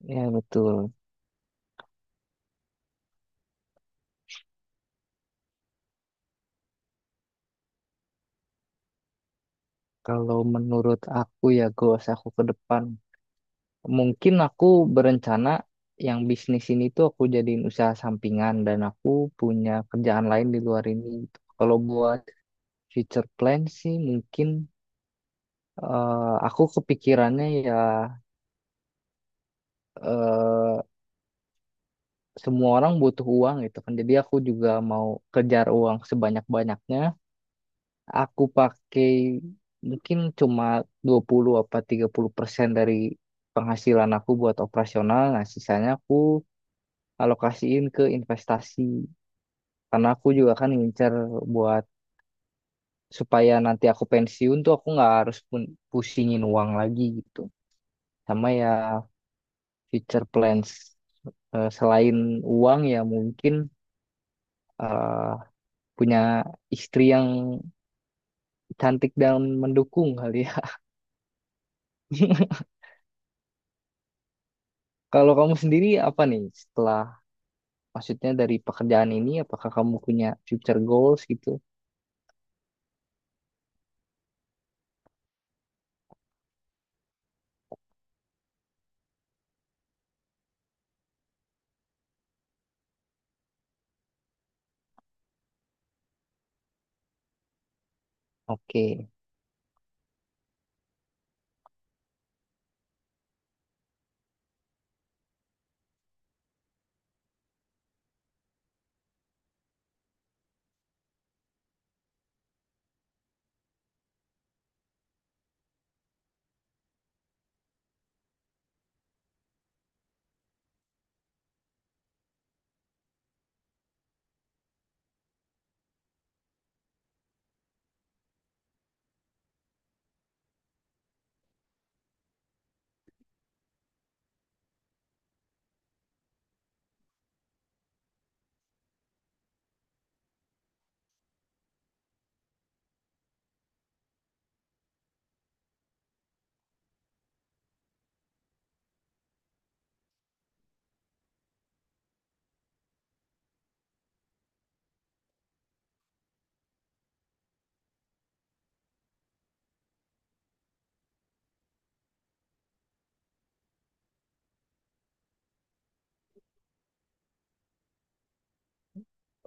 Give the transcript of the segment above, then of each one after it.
Ya betul. Kalau menurut aku ya goals aku ke depan, mungkin aku berencana yang bisnis ini tuh aku jadiin usaha sampingan dan aku punya kerjaan lain di luar ini. Kalau buat future plan sih mungkin eh, aku kepikirannya ya, eh, semua orang butuh uang gitu kan. Jadi aku juga mau kejar uang sebanyak-banyaknya. Aku pakai mungkin cuma 20 apa 30% dari penghasilan aku buat operasional. Nah, sisanya aku alokasiin ke investasi. Karena aku juga kan ngincer buat supaya nanti aku pensiun tuh aku nggak harus pusingin uang lagi gitu. Sama ya future plans. Selain uang ya mungkin eh, punya istri yang cantik dan mendukung kali ya. Kalau kamu sendiri apa nih setelah? Maksudnya, dari pekerjaan ini apakah kamu punya future goals gitu? Oke.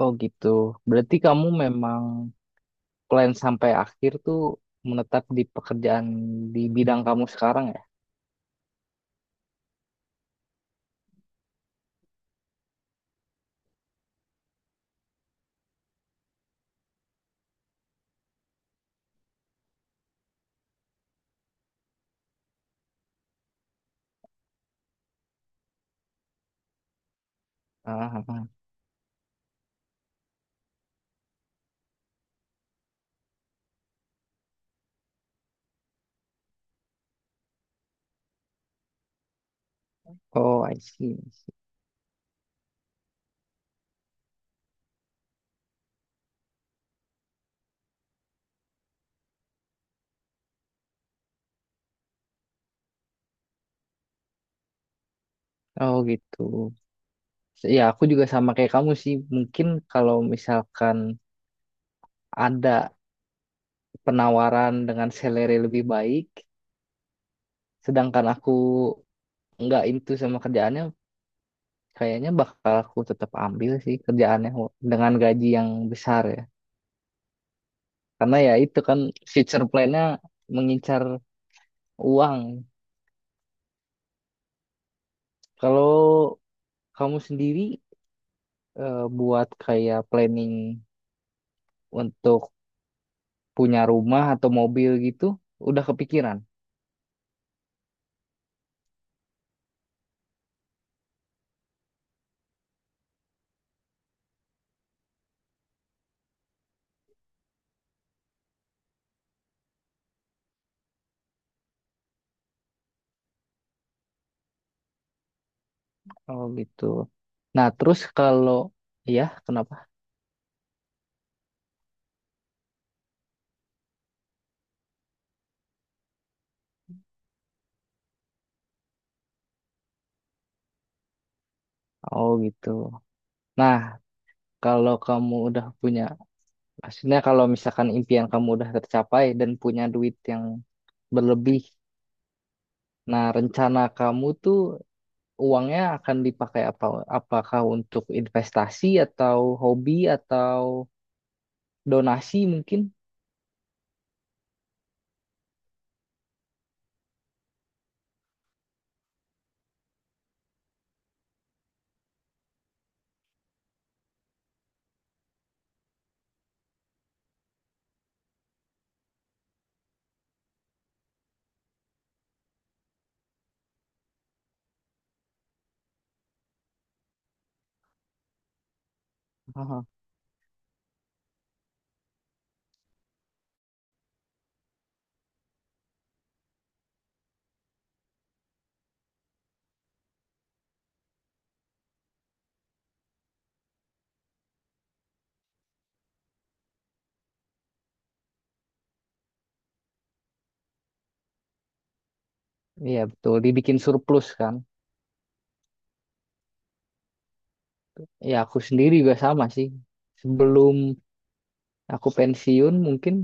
Oh gitu. Berarti kamu memang plan sampai akhir tuh menetap di pekerjaan di bidang kamu sekarang ya? Ah, ah, ah. Oh, I see. Oh gitu. Ya aku juga sama kayak kamu sih. Mungkin kalau misalkan ada penawaran dengan salary lebih baik, sedangkan aku nggak into sama kerjaannya, kayaknya bakal aku tetap ambil sih kerjaannya dengan gaji yang besar ya. Karena ya itu kan future plan-nya mengincar uang. Kalau kamu sendiri, buat kayak planning untuk punya rumah atau mobil gitu, udah kepikiran. Oh gitu. Nah, terus kalau ya kenapa? Oh gitu. Nah, kalau kamu udah punya, maksudnya kalau misalkan impian kamu udah tercapai dan punya duit yang berlebih, nah, rencana kamu tuh uangnya akan dipakai apa? Apakah untuk investasi atau hobi atau donasi mungkin? Aha, iya betul, dibikin surplus kan? Ya aku sendiri juga sama sih. Sebelum aku pensiun mungkin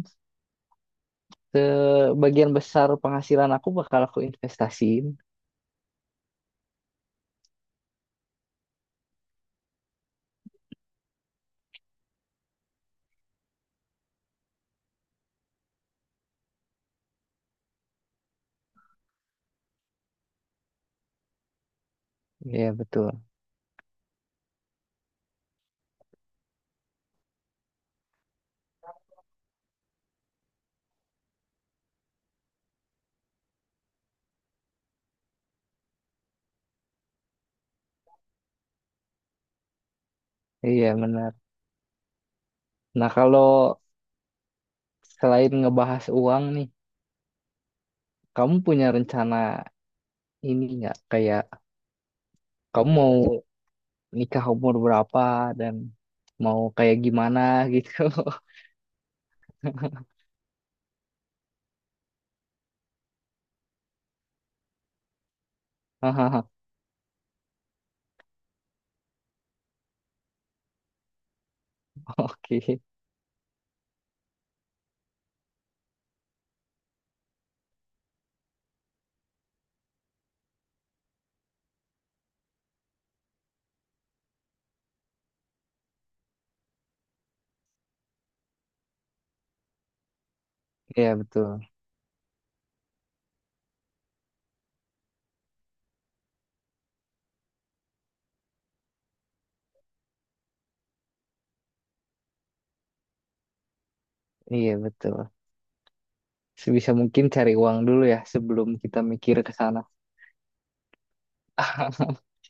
sebagian besar penghasilan aku bakal aku investasiin. Iya betul, iya benar. Nah kalau selain ngebahas uang nih, kamu punya rencana ini nggak? Kayak kamu mau nikah umur berapa dan mau kayak gimana gitu. Hahaha. Oke, iya betul, iya betul. Sebisa mungkin cari uang dulu ya sebelum kita mikir ke sana.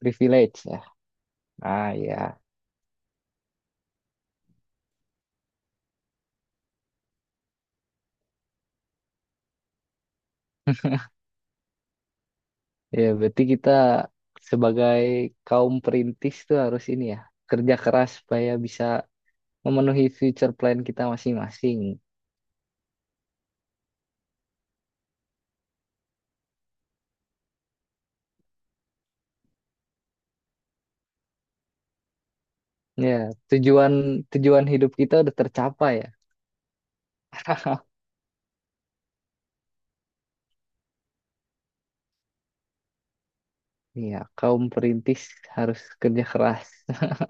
Privilege ya. Ah ya, ya berarti kita sebagai kaum perintis tuh harus ini ya kerja keras supaya bisa memenuhi future plan kita masing-masing. Ya, tujuan tujuan hidup kita udah tercapai ya. Iya, kaum perintis harus kerja keras.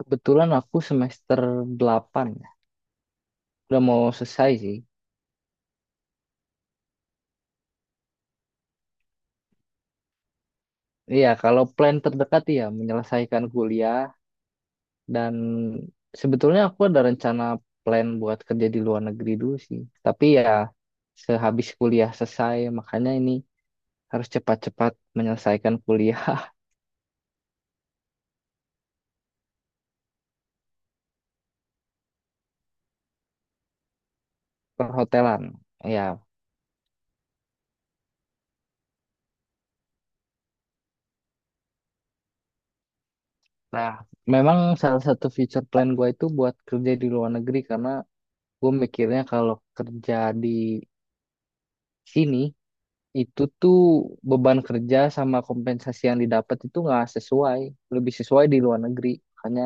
Kebetulan aku semester 8, ya. Udah mau selesai sih. Iya, kalau plan terdekat ya menyelesaikan kuliah dan sebetulnya aku ada rencana plan buat kerja di luar negeri dulu sih. Tapi ya sehabis kuliah selesai, makanya ini harus cepat-cepat menyelesaikan kuliah. Perhotelan. Ya, nah memang salah satu future plan gue itu buat kerja di luar negeri. Karena gue mikirnya kalau kerja di sini itu tuh beban kerja sama kompensasi yang didapat itu nggak sesuai, lebih sesuai di luar negeri. Makanya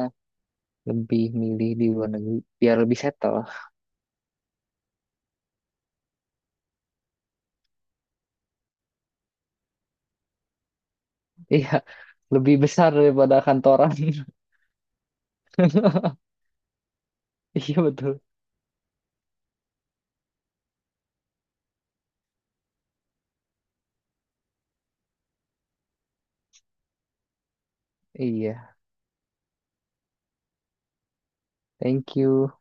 lebih milih di luar negeri biar lebih settle. Iya, lebih besar daripada kantoran. Iya betul. Iya, thank you.